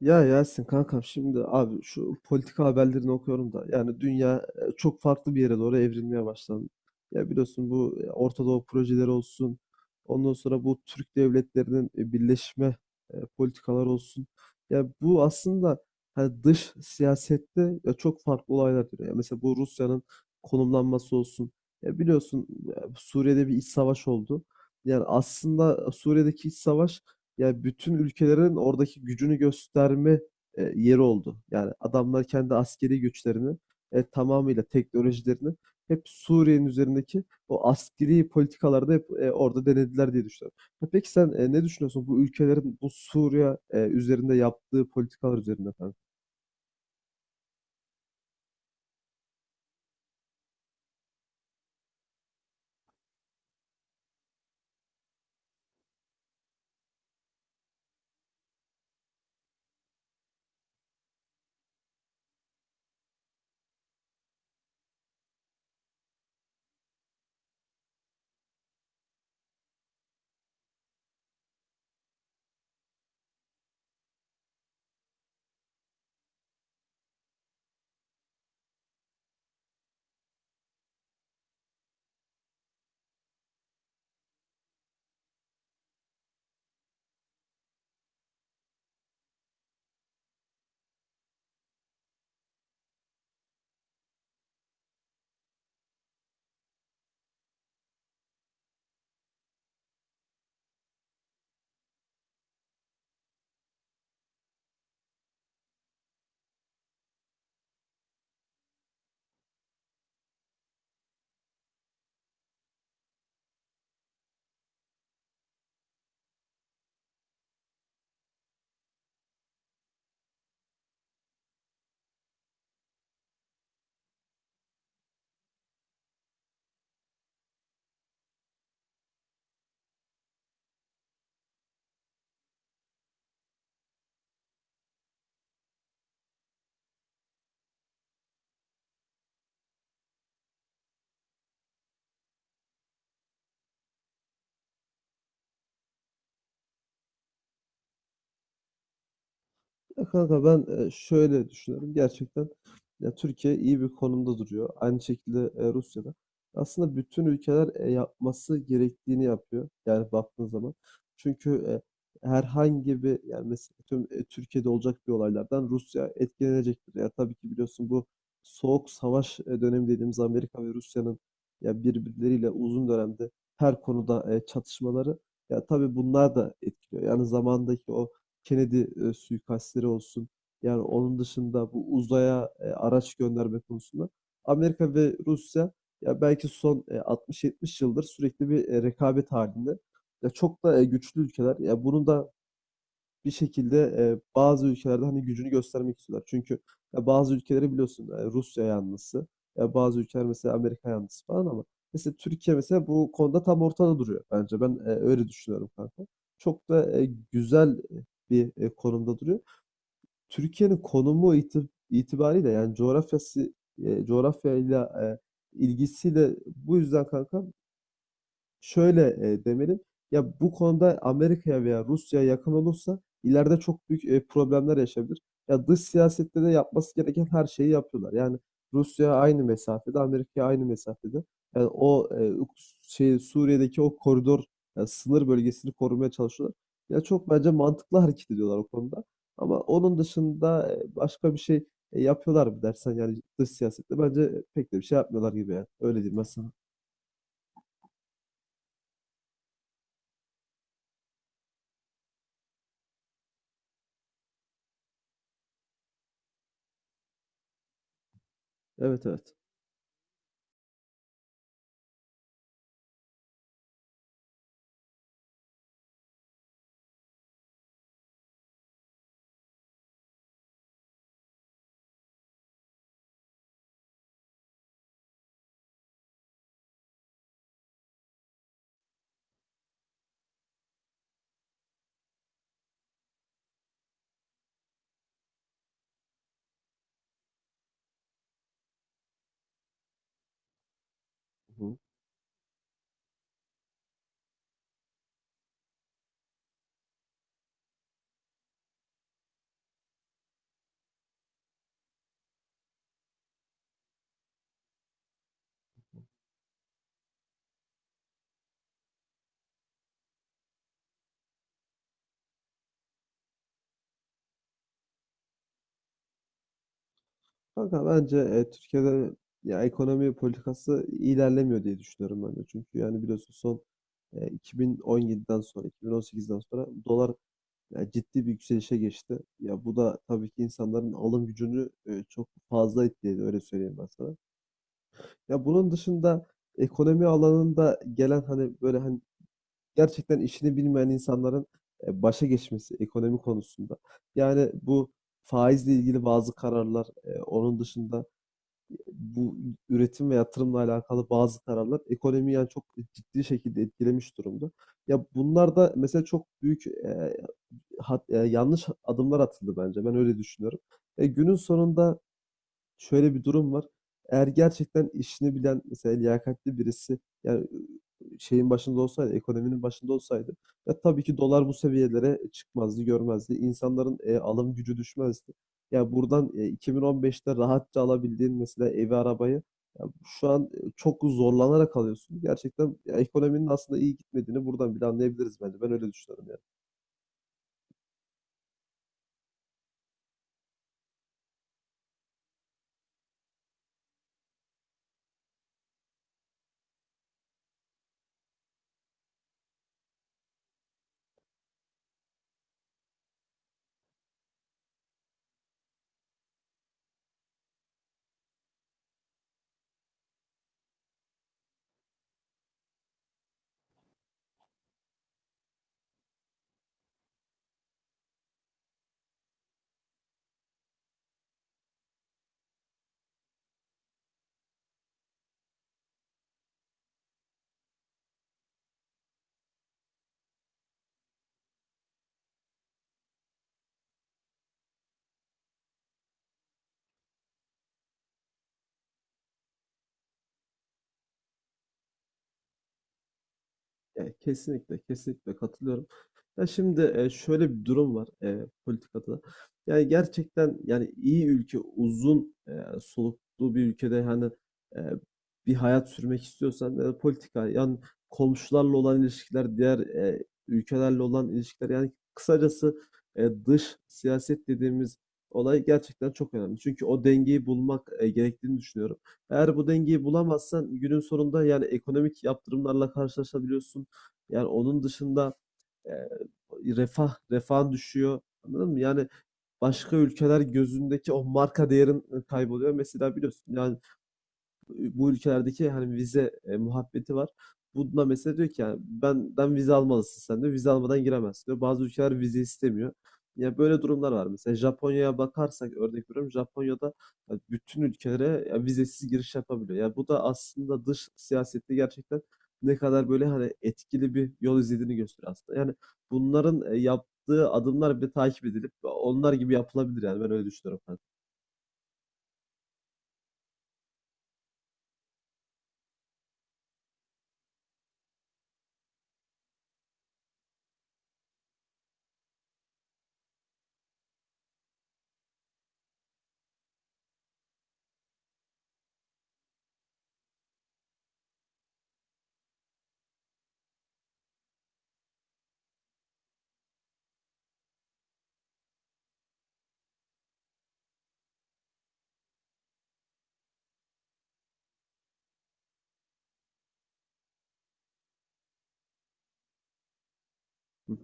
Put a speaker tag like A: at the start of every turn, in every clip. A: Ya Yasin kankam, şimdi abi şu politika haberlerini okuyorum da yani dünya çok farklı bir yere doğru evrilmeye başlandı. Ya biliyorsun bu Orta Doğu projeleri olsun, ondan sonra bu Türk devletlerinin birleşme politikaları olsun. Ya bu aslında hani dış siyasette ya çok farklı olaylar dönüyor. Ya mesela bu Rusya'nın konumlanması olsun. Ya biliyorsun, Suriye'de bir iç savaş oldu. Yani aslında Suriye'deki iç savaş, yani bütün ülkelerin oradaki gücünü gösterme yeri oldu. Yani adamlar kendi askeri güçlerini, tamamıyla teknolojilerini hep Suriye'nin üzerindeki o askeri politikalarda hep orada denediler diye düşünüyorum. Ha, peki sen ne düşünüyorsun bu ülkelerin bu Suriye üzerinde yaptığı politikalar üzerinde? Ya kanka ben şöyle düşünüyorum. Gerçekten ya Türkiye iyi bir konumda duruyor. Aynı şekilde Rusya'da. Aslında bütün ülkeler yapması gerektiğini yapıyor, yani baktığın zaman. Çünkü herhangi bir, yani mesela tüm Türkiye'de olacak bir olaylardan Rusya etkilenecektir. Ya tabii ki biliyorsun, bu soğuk savaş dönemi dediğimiz Amerika ve Rusya'nın ya birbirleriyle uzun dönemde her konuda çatışmaları, ya tabii bunlar da etkiliyor. Yani zamandaki o Kennedy suikastleri olsun. Yani onun dışında bu uzaya araç gönderme konusunda Amerika ve Rusya ya belki son 60-70 yıldır sürekli bir rekabet halinde. Ya çok da güçlü ülkeler. Ya bunun da bir şekilde bazı ülkelerde, hani, gücünü göstermek istiyorlar. Çünkü ya, bazı ülkeleri biliyorsun, Rusya yanlısı, ya bazı ülkeler mesela Amerika yanlısı falan, ama mesela Türkiye mesela bu konuda tam ortada duruyor bence. Ben öyle düşünüyorum kanka. Çok da güzel bir konumda duruyor. Türkiye'nin konumu itibariyle yani coğrafyası, coğrafyayla ilgisiyle. Bu yüzden kanka şöyle demeliyim. Ya bu konuda Amerika'ya veya Rusya'ya yakın olursa ileride çok büyük problemler yaşayabilir. Ya dış siyasette de yapması gereken her şeyi yapıyorlar. Yani Rusya aynı mesafede, Amerika aynı mesafede. Yani o şey, Suriye'deki o koridor, yani sınır bölgesini korumaya çalışıyorlar. Ya çok bence mantıklı hareket ediyorlar o konuda. Ama onun dışında başka bir şey yapıyorlar mı dersen, yani dış siyasette bence pek de bir şey yapmıyorlar gibi. Yani öyle diyeyim ben. Evet, evet. Hı hı. Kanka bence Türkiye'de ya ekonomi politikası ilerlemiyor diye düşünüyorum ben de. Çünkü yani biliyorsun, son 2017'den sonra, 2018'den sonra dolar ya ciddi bir yükselişe geçti. Ya bu da tabii ki insanların alım gücünü çok fazla etkiledi, öyle söyleyeyim ben sana. Ya bunun dışında ekonomi alanında gelen, hani böyle hani gerçekten işini bilmeyen insanların başa geçmesi ekonomi konusunda. Yani bu faizle ilgili bazı kararlar, onun dışında bu üretim ve yatırımla alakalı bazı kararlar ekonomiyi yani çok ciddi şekilde etkilemiş durumda. Ya bunlar da mesela çok büyük yanlış adımlar atıldı bence. Ben öyle düşünüyorum. Günün sonunda şöyle bir durum var. Eğer gerçekten işini bilen, mesela liyakatli birisi, yani şeyin başında olsaydı, ekonominin başında olsaydı, ya tabii ki dolar bu seviyelere çıkmazdı, görmezdi. İnsanların alım gücü düşmezdi. Ya buradan 2015'te rahatça alabildiğin mesela evi, arabayı ya şu an çok zorlanarak alıyorsun. Gerçekten ya ekonominin aslında iyi gitmediğini buradan bile anlayabiliriz bence. Ben öyle düşünüyorum yani. Ya, kesinlikle, kesinlikle katılıyorum. Ya şimdi şöyle bir durum var politikada da. Yani gerçekten, yani iyi ülke, uzun soluklu bir ülkede hani e, bir hayat sürmek istiyorsan, politika yani komşularla olan ilişkiler, diğer ülkelerle olan ilişkiler, yani kısacası dış siyaset dediğimiz olay gerçekten çok önemli. Çünkü o dengeyi bulmak gerektiğini düşünüyorum. Eğer bu dengeyi bulamazsan günün sonunda yani ekonomik yaptırımlarla karşılaşabiliyorsun. Yani onun dışında eee, refahın düşüyor. Anladın mı? Yani başka ülkeler gözündeki o marka değerin kayboluyor. Mesela biliyorsun yani, bu ülkelerdeki hani vize muhabbeti var. Bunda mesela diyor ki, yani benden vize almalısın sen diyor. Vize almadan giremezsin diyor. Bazı ülkeler vize istemiyor. Ya böyle durumlar var. Mesela Japonya'ya bakarsak, örnek veriyorum, Japonya'da ya bütün ülkelere ya vizesiz giriş yapabiliyor. Ya bu da aslında dış siyasette gerçekten ne kadar böyle hani etkili bir yol izlediğini gösteriyor aslında. Yani bunların yaptığı adımlar bile takip edilip onlar gibi yapılabilir, yani ben öyle düşünüyorum kanka. Hı hı.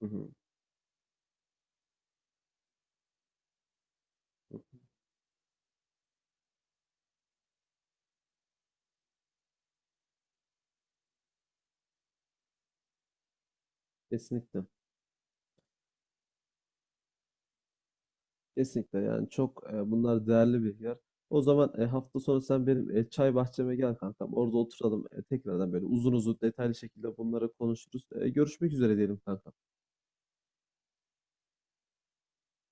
A: Hı hı. Kesinlikle. Kesinlikle, yani çok bunlar değerli bilgiler. O zaman hafta sonu sen benim çay bahçeme gel kankam. Orada oturalım, tekrardan böyle uzun uzun detaylı şekilde bunları konuşuruz. Görüşmek üzere diyelim kankam.